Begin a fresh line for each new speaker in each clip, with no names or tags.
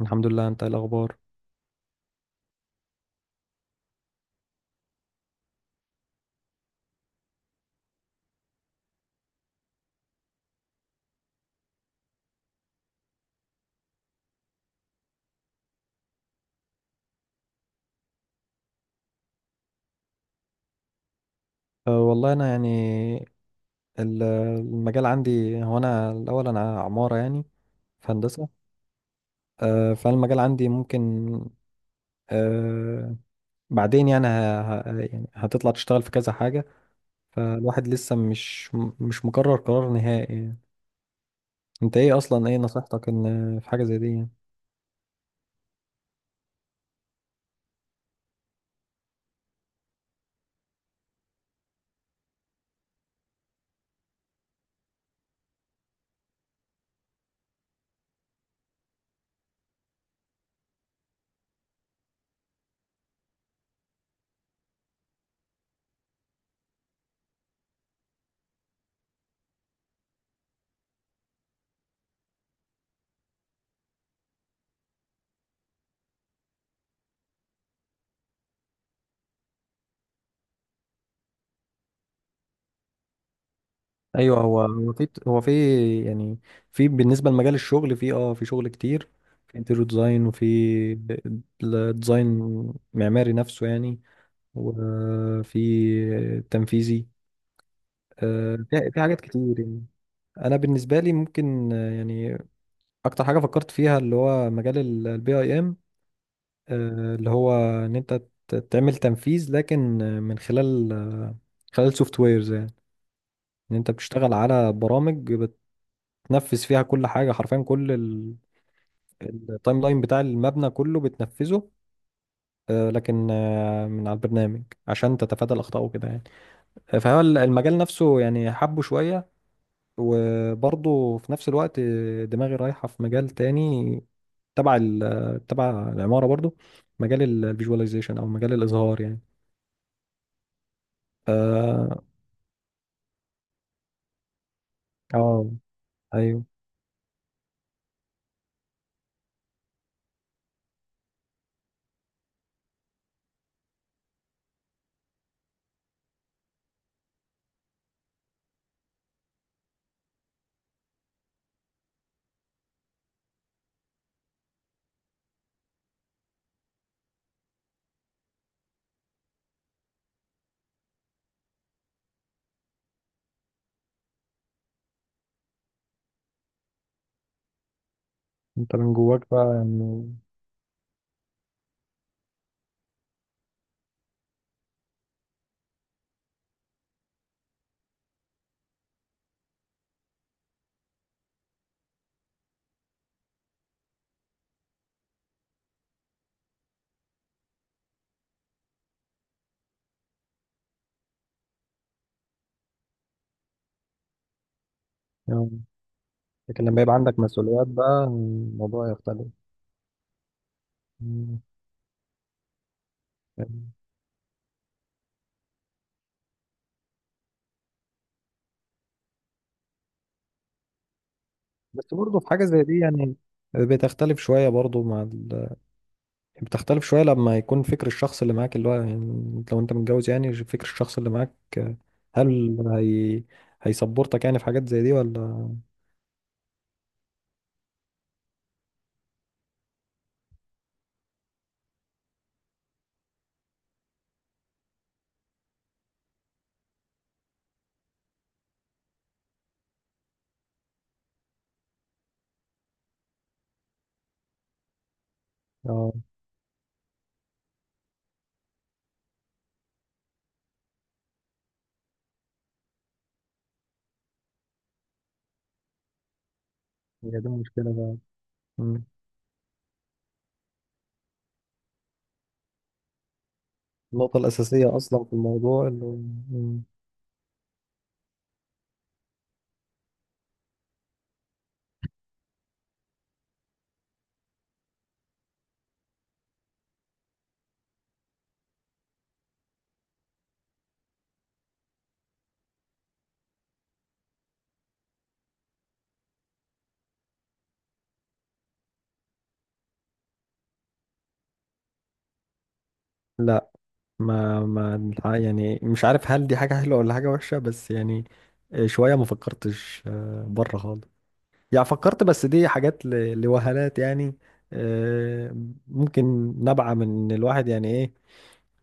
الحمد لله. انت ايه الاخبار؟ والله انا المجال عندي هو، انا الاول انا عمارة يعني، في هندسة. فالمجال عندي ممكن أه بعدين يعني هتطلع تشتغل في كذا حاجة. فالواحد لسه مش مقرر قرار نهائي يعني. انت ايه اصلا، ايه نصيحتك ان في حاجة زي دي يعني؟ ايوه، هو في يعني، في بالنسبه لمجال الشغل في، في شغل كتير. في انتيريور ديزاين، وفي الديزاين معماري نفسه يعني، وفي تنفيذي. في في حاجات كتير يعني. انا بالنسبه لي ممكن، يعني اكتر حاجه فكرت فيها اللي هو مجال البي اي ام، اللي هو ان انت تعمل تنفيذ، لكن من خلال خلال سوفت ويرز يعني. ان انت بتشتغل على برامج تنفذ فيها كل حاجة، حرفيا كل التايم لاين بتاع المبنى كله بتنفذه، لكن من على البرنامج عشان تتفادى الأخطاء وكده يعني. فهو المجال نفسه يعني حبه شوية، وبرضه في نفس الوقت دماغي رايحة في مجال تاني تبع تبع العمارة برضه، مجال الفيجواليزيشن أو مجال الإظهار يعني. ف- اه ايوه، انت من جواك بقى يعني. آه. لكن لما يبقى عندك مسؤوليات بقى الموضوع يختلف. مم. بس برضه في حاجة زي دي يعني بتختلف شوية برضه مع بتختلف شوية لما يكون فكر الشخص اللي معاك، اللي هو يعني لو انت متجوز يعني فكر الشخص اللي معاك، هل هي هيسبورتك يعني في حاجات زي دي ولا؟ اه، هي دي المشكلة بقى. مم. النقطة الأساسية أصلا في الموضوع مم. لا، ما ما الح- يعني مش عارف هل دي حاجة حلوة ولا حاجة وحشة، بس يعني شوية ما فكرتش بره خالص يعني. فكرت بس دي حاجات لوهلات يعني. آه، ممكن نبعة من إن الواحد يعني ايه،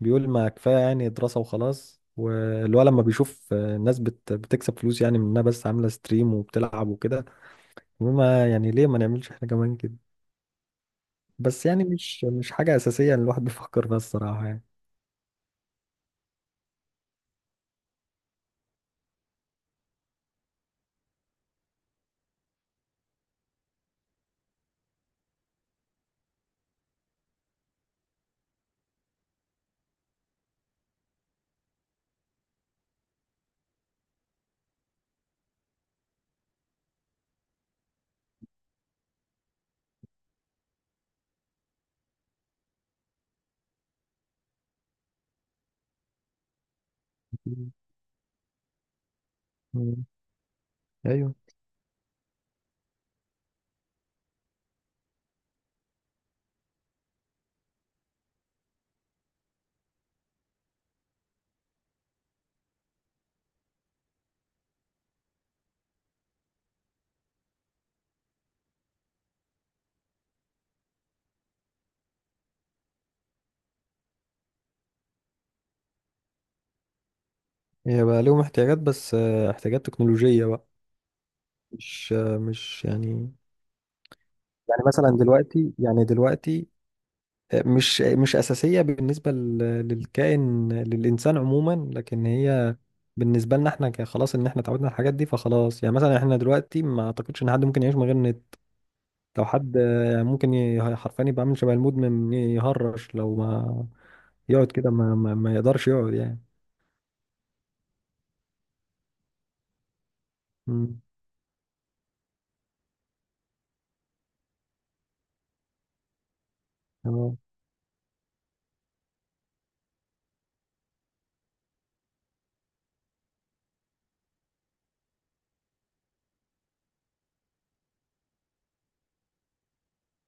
بيقول ما كفاية يعني دراسة وخلاص، والولد لما بيشوف ناس بتكسب فلوس يعني من انها بس عاملة ستريم وبتلعب وكده، وما يعني ليه ما نعملش احنا كمان كده. بس يعني مش حاجة أساسية إن الواحد بيفكر فيها الصراحة يعني. مم. ايوه، هي بقى ليهم احتياجات، بس احتياجات تكنولوجية بقى. مش يعني، يعني مثلا دلوقتي يعني دلوقتي مش أساسية بالنسبة للكائن للإنسان عموما، لكن هي بالنسبة لنا احنا خلاص ان احنا اتعودنا على الحاجات دي، فخلاص يعني مثلا احنا دلوقتي ما اعتقدش ان حد ممكن يعيش من غير النت. لو حد ممكن حرفيا يبقى عامل شبه المدمن، يهرش لو ما يقعد كده، ما يقدرش يقعد يعني. مم. تمام.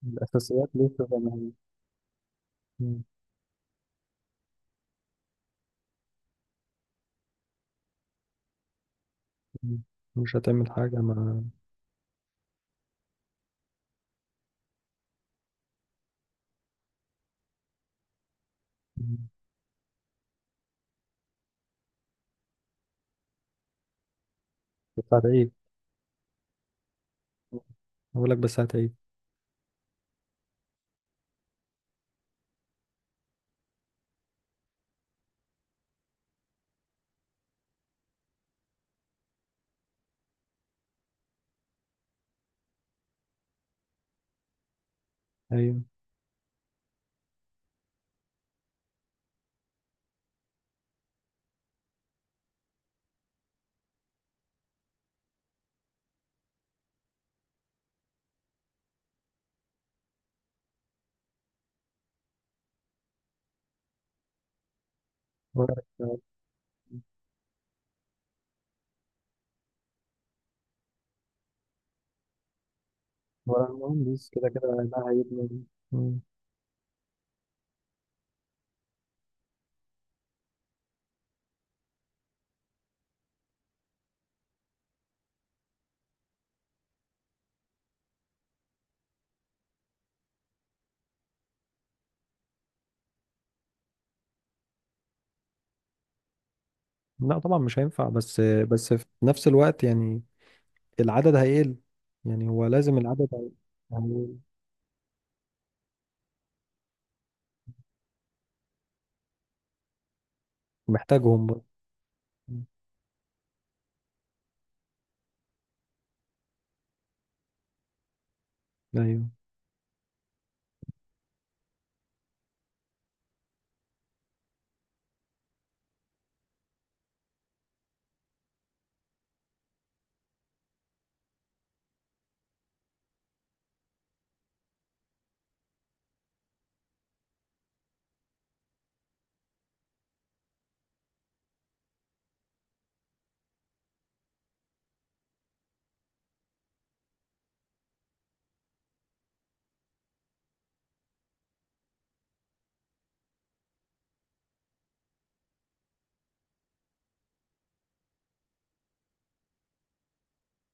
الأساسيات لسه زي ما هي. مم. مم. مش هتعمل حاجة ما. مم. بس هتعيد، أقول لك بس هتعيد. أيوه. ولا مهندس كده كده ده هيبني. مم. لا طبعا مش هينفع، بس بس في نفس الوقت يعني العدد هيقل، يعني هو لازم العدد هيقل. محتاجهم برضه. مم. ايوه.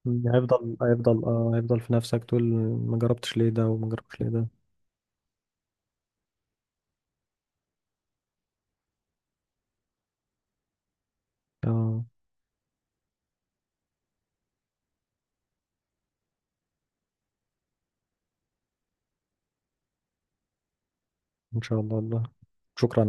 مم. هيفضل، هيفضل، اه هيفضل في نفسك تقول ما جربتش ليه ده وما جربتش ليه ده. اه، ان شاء الله. الله، شكرا.